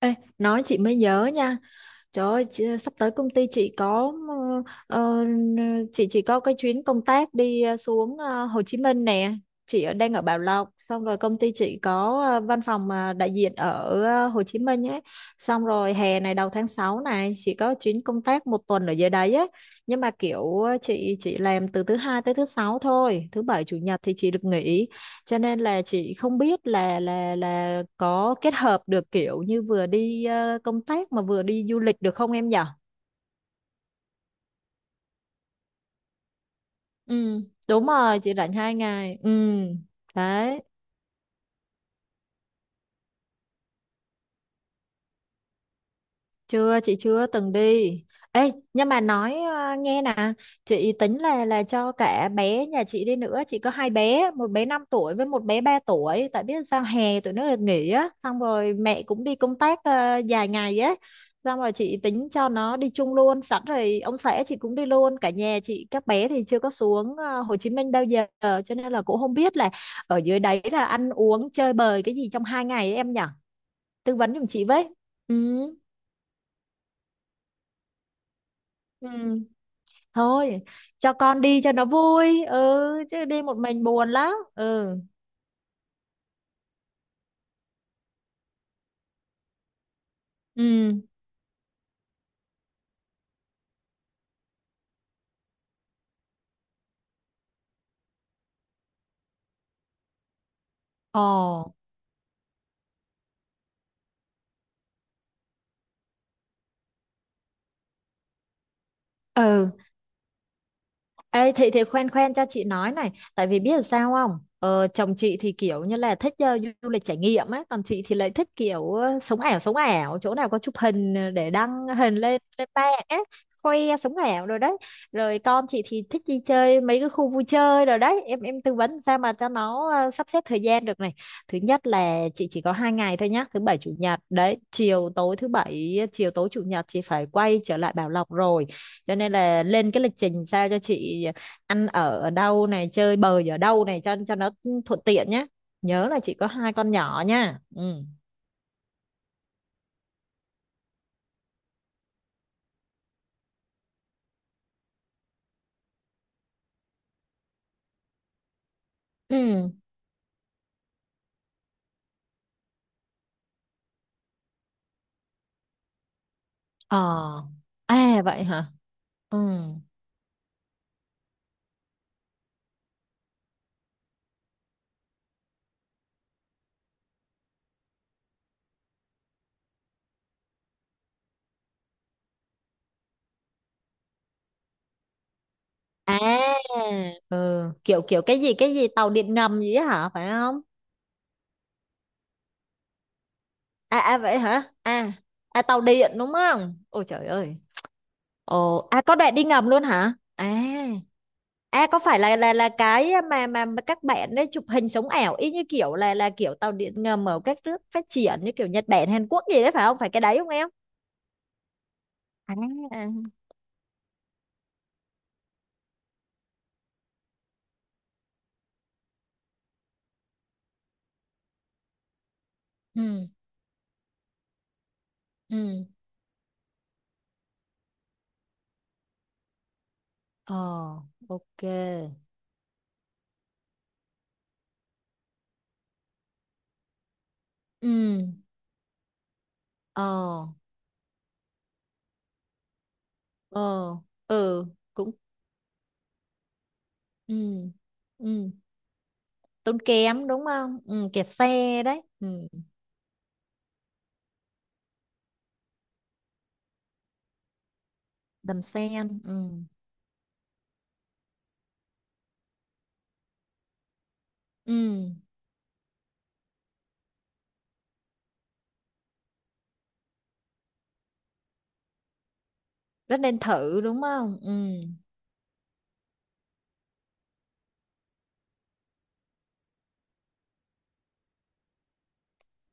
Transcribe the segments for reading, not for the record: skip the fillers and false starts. Ê, nói chị mới nhớ nha. Trời ơi, sắp tới công ty chị có ờ, chị chỉ có cái chuyến công tác đi xuống Hồ Chí Minh nè. Chị đang ở Bảo Lộc, xong rồi công ty chị có văn phòng đại diện ở Hồ Chí Minh ấy. Xong rồi hè này đầu tháng 6 này chị có chuyến công tác 1 tuần ở dưới đấy ấy. Nhưng mà kiểu chị chỉ làm từ thứ hai tới thứ sáu thôi, thứ bảy chủ nhật thì chị được nghỉ cho nên là chị không biết là có kết hợp được kiểu như vừa đi công tác mà vừa đi du lịch được không em nhở? Ừ, đúng rồi, chị rảnh 2 ngày. Ừ, đấy. Chưa, chị chưa từng đi. Ê, nhưng mà nói nghe nè, chị tính là cho cả bé nhà chị đi nữa. Chị có hai bé, một bé 5 tuổi với một bé 3 tuổi, tại biết sao hè tụi nó được nghỉ á, xong rồi mẹ cũng đi công tác dài ngày á, xong rồi chị tính cho nó đi chung luôn sẵn rồi ông xã chị cũng đi luôn cả nhà, chị các bé thì chưa có xuống Hồ Chí Minh bao giờ cho nên là cũng không biết là ở dưới đấy là ăn uống chơi bời cái gì trong 2 ngày ấy, em nhở. Tư vấn giùm chị với. Ừ. Ừ. Thôi, cho con đi cho nó vui, ừ, chứ đi một mình buồn lắm. Ừ. Ừ. Ồ. Ừ. Ê, thì khoan khoan cho chị nói này tại vì biết là sao không. Chồng chị thì kiểu như là thích du lịch trải nghiệm ấy, còn chị thì lại thích kiểu sống ảo, sống ảo chỗ nào có chụp hình để đăng hình lên lên mạng ấy. Khoe sống ảo rồi đấy. Rồi con chị thì thích đi chơi mấy cái khu vui chơi rồi đấy. Em tư vấn sao mà cho nó sắp xếp thời gian được này. Thứ nhất là chị chỉ có 2 ngày thôi nhá, thứ bảy chủ nhật đấy. Chiều tối thứ bảy, chiều tối chủ nhật chị phải quay trở lại Bảo Lộc rồi, cho nên là lên cái lịch trình sao cho chị ăn ở ở đâu này, chơi bời ở đâu này cho nó thuận tiện nhé. Nhớ là chị có hai con nhỏ nha. Ừ. Ừ. Ờ. À vậy hả? Ừ. À. Ừ. Kiểu kiểu cái gì, tàu điện ngầm gì á hả phải không? À, à vậy hả? À. À, tàu điện đúng không, ôi trời ơi. Ồ, à, có đoạn đi ngầm luôn hả? À. À, có phải là cái mà các bạn ấy chụp hình sống ảo y như kiểu là kiểu tàu điện ngầm ở các nước phát triển như kiểu Nhật Bản, Hàn Quốc gì đấy phải không? Phải cái đấy không em? À. À. Ừ. Ừ. Ờ. OK. Ừ. Ờ. Ờ. Ừ. Cũng. Ừ. Ừ. Tốn kém đúng không? Ừ, kẹt xe đấy. Ừ. Đầm sen. Ừ. Ừ. Rất nên thử đúng không? Ừ.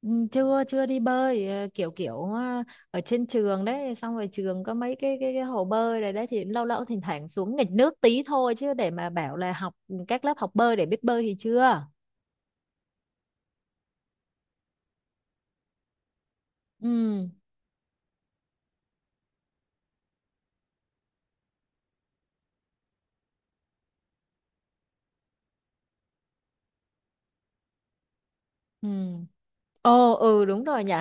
Ừ, chưa chưa đi bơi, kiểu kiểu ờ, ở trên trường đấy, xong rồi trường có mấy cái hồ bơi này đấy thì lâu lâu thỉnh thoảng xuống nghịch nước tí thôi, chứ để mà bảo là học các lớp học bơi để biết bơi thì chưa. Ừ. Ừ. Ồ. Ừ, đúng rồi nhỉ.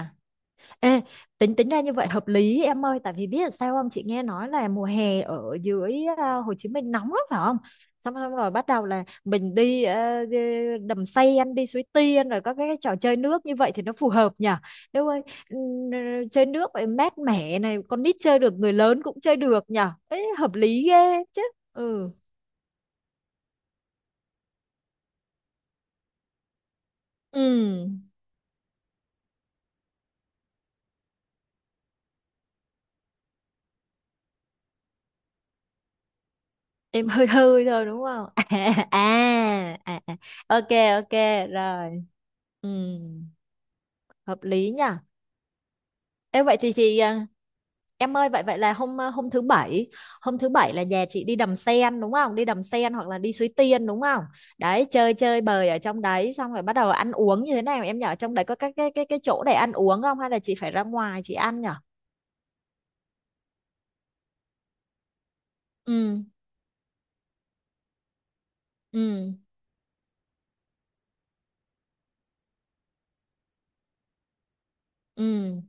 Ê, tính tính ra như vậy hợp lý em ơi, tại vì biết là sao không. Chị nghe nói là mùa hè ở dưới Hồ Chí Minh nóng lắm phải không, xong xong rồi bắt đầu là mình đi đi đầm xây ăn, đi Suối Tiên rồi có cái trò chơi nước như vậy thì nó phù hợp nhỉ. Nếu ơi. ừm, ờ, Chơi nước vậy mát mẻ này, con nít chơi được người lớn cũng chơi được nhỉ. Ê, hợp lý ghê chứ. Ừ. Ừ. Em hơi hơi thôi đúng không? À, à, à. OK. OK. Rồi. Ừ. Hợp lý nhỉ. Ê, vậy thì em ơi, vậy vậy là hôm hôm thứ bảy, là nhà chị đi đầm sen đúng không, đi đầm sen hoặc là đi Suối Tiên đúng không? Đấy, chơi chơi bời ở trong đấy, xong rồi bắt đầu ăn uống như thế nào em nhỏ? Trong đấy có các cái chỗ để ăn uống không hay là chị phải ra ngoài chị ăn nhở? Ừ. Ừ. Ừ.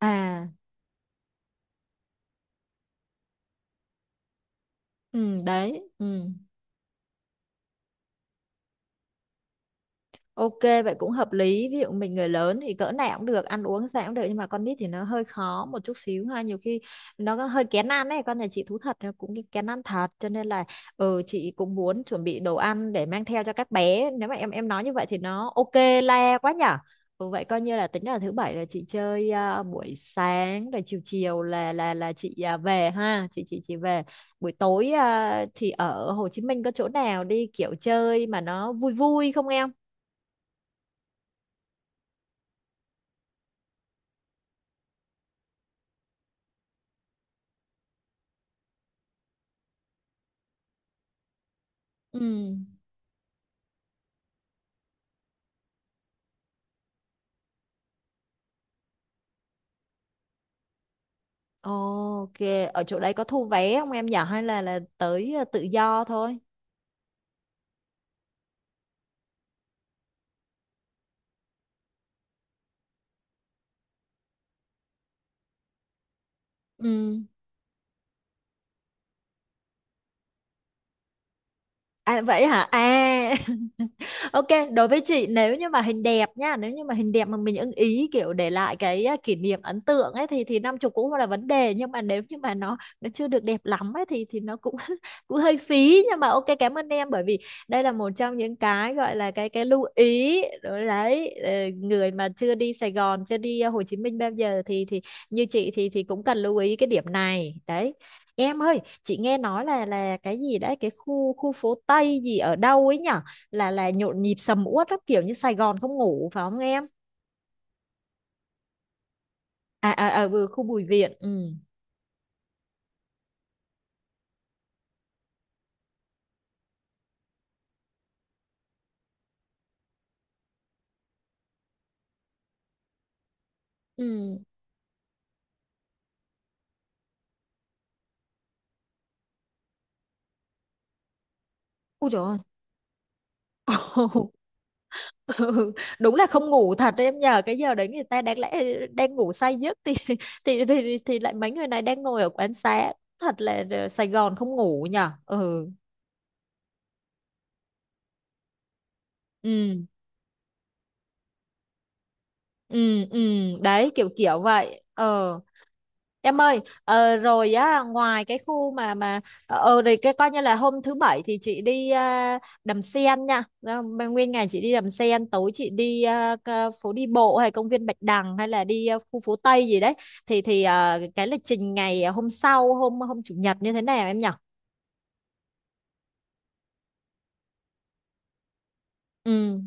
À. Ừ đấy. Ừ. OK, vậy cũng hợp lý. Ví dụ mình người lớn thì cỡ nào cũng được, ăn uống sao cũng được. Nhưng mà con nít thì nó hơi khó một chút xíu ha. Nhiều khi nó có hơi kén ăn ấy. Con nhà chị thú thật nó cũng kén ăn thật. Cho nên là ừ, chị cũng muốn chuẩn bị đồ ăn để mang theo cho các bé. Nếu mà em nói như vậy thì nó OK le quá nhở. Ừ, vậy coi như là tính là thứ bảy là chị chơi buổi sáng rồi chiều chiều là chị về ha. Chị về. Buổi tối thì ở Hồ Chí Minh có chỗ nào đi kiểu chơi mà nó vui vui không em? Ừ. OK, ở chỗ đấy có thu vé không em nhỏ, hay là tới tự do thôi? Ừ. À, vậy hả? À. OK. Đối với chị, nếu như mà hình đẹp nha, nếu như mà hình đẹp mà mình ưng ý kiểu để lại cái kỷ niệm ấn tượng ấy thì 50 cũng không là vấn đề. Nhưng mà nếu như mà nó chưa được đẹp lắm ấy thì nó cũng cũng hơi phí. Nhưng mà OK, cảm ơn em bởi vì đây là một trong những cái gọi là cái lưu ý đối đấy. Ờ, người mà chưa đi Sài Gòn, chưa đi Hồ Chí Minh bao giờ thì như chị thì cũng cần lưu ý cái điểm này đấy. Em ơi, chị nghe nói là cái gì đấy cái khu khu phố Tây gì ở đâu ấy nhở, là nhộn nhịp sầm uất lắm kiểu như Sài Gòn không ngủ phải không em? À, à, à vừa khu Bùi Viện. Ừ. Ừ. Ui trời ơi. Ừ, đúng là không ngủ thật đấy em nhờ. Cái giờ đấy người ta đáng lẽ đang ngủ say giấc thì, thì lại mấy người này đang ngồi ở quán xá. Thật là Sài Gòn không ngủ nhở. Ừ. Ừ. Ừ. Ừ. Đấy kiểu kiểu vậy ờ. Em ơi, rồi á, ngoài cái khu mà rồi cái coi như là hôm thứ bảy thì chị đi Đầm Sen nha. Đó, mà nguyên ngày chị đi Đầm Sen, tối chị đi phố đi bộ hay công viên Bạch Đằng hay là đi khu phố Tây gì đấy. Thì cái lịch trình ngày hôm sau hôm hôm chủ nhật như thế nào em nhỉ? Ừ.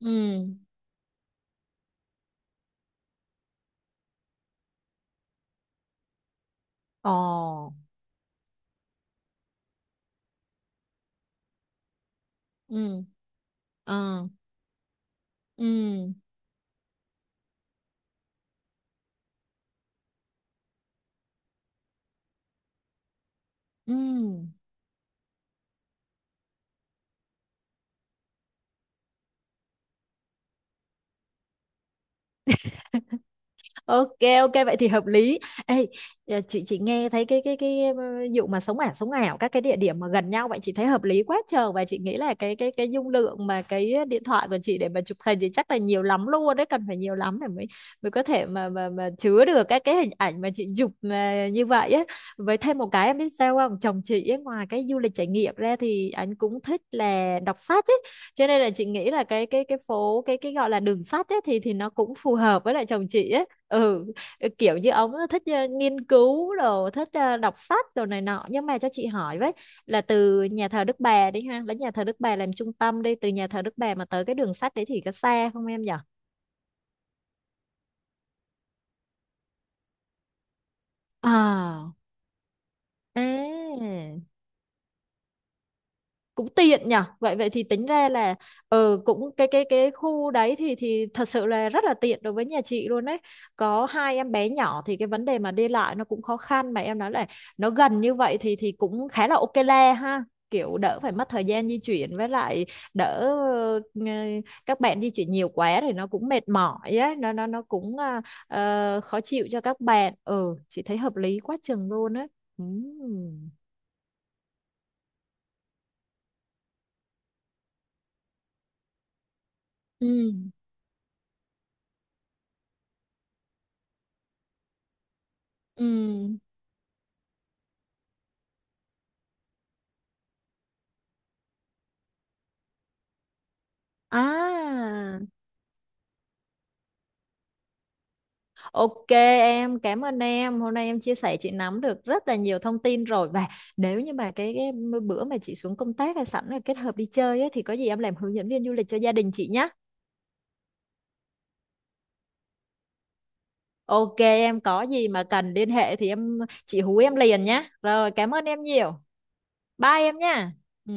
Ừ. Ồ. Ừ. Ờ. Ừ. Ừ. OK, OK vậy thì hợp lý. Ê, chị nghe thấy vụ mà sống ảo, sống ảo các cái địa điểm mà gần nhau vậy chị thấy hợp lý quá trời. Và chị nghĩ là cái dung lượng mà cái điện thoại của chị để mà chụp hình thì chắc là nhiều lắm luôn đấy, cần phải nhiều lắm để mới mới có thể mà chứa được các cái hình ảnh mà chị chụp mà như vậy á. Với thêm một cái em biết sao không, chồng chị ấy, ngoài cái du lịch trải nghiệm ra thì anh cũng thích là đọc sách ấy, cho nên là chị nghĩ là cái phố cái gọi là đường sách ấy thì nó cũng phù hợp với lại chồng chị ấy. Ừ, kiểu như ông thích nghiên cứu đồ, thích đọc sách đồ này nọ. Nhưng mà cho chị hỏi với là từ nhà thờ Đức Bà đi ha, lấy nhà thờ Đức Bà làm trung tâm, đi từ nhà thờ Đức Bà mà tới cái đường sắt đấy thì có xa không em nhở? À. À, cũng tiện nhở, vậy vậy thì tính ra là ờ cũng cái khu đấy thì thật sự là rất là tiện đối với nhà chị luôn đấy. Có hai em bé nhỏ thì cái vấn đề mà đi lại nó cũng khó khăn, mà em nói là nó gần như vậy thì cũng khá là OK le ha. Kiểu đỡ phải mất thời gian di chuyển, với lại đỡ các bạn di chuyển nhiều quá thì nó cũng mệt mỏi ấy, nó cũng khó chịu cho các bạn. Ừ, chị thấy hợp lý quá chừng luôn á. Ừm. Ừ. Ừ. À, OK em, cảm ơn em. Hôm nay em chia sẻ chị nắm được rất là nhiều thông tin rồi. Và nếu như mà cái bữa mà chị xuống công tác hay sẵn là kết hợp đi chơi á, thì có gì em làm hướng dẫn viên du lịch cho gia đình chị nhé. OK em, có gì mà cần liên hệ thì em chị hú em liền nhé. Rồi, cảm ơn em nhiều. Bye em nha. Ừ.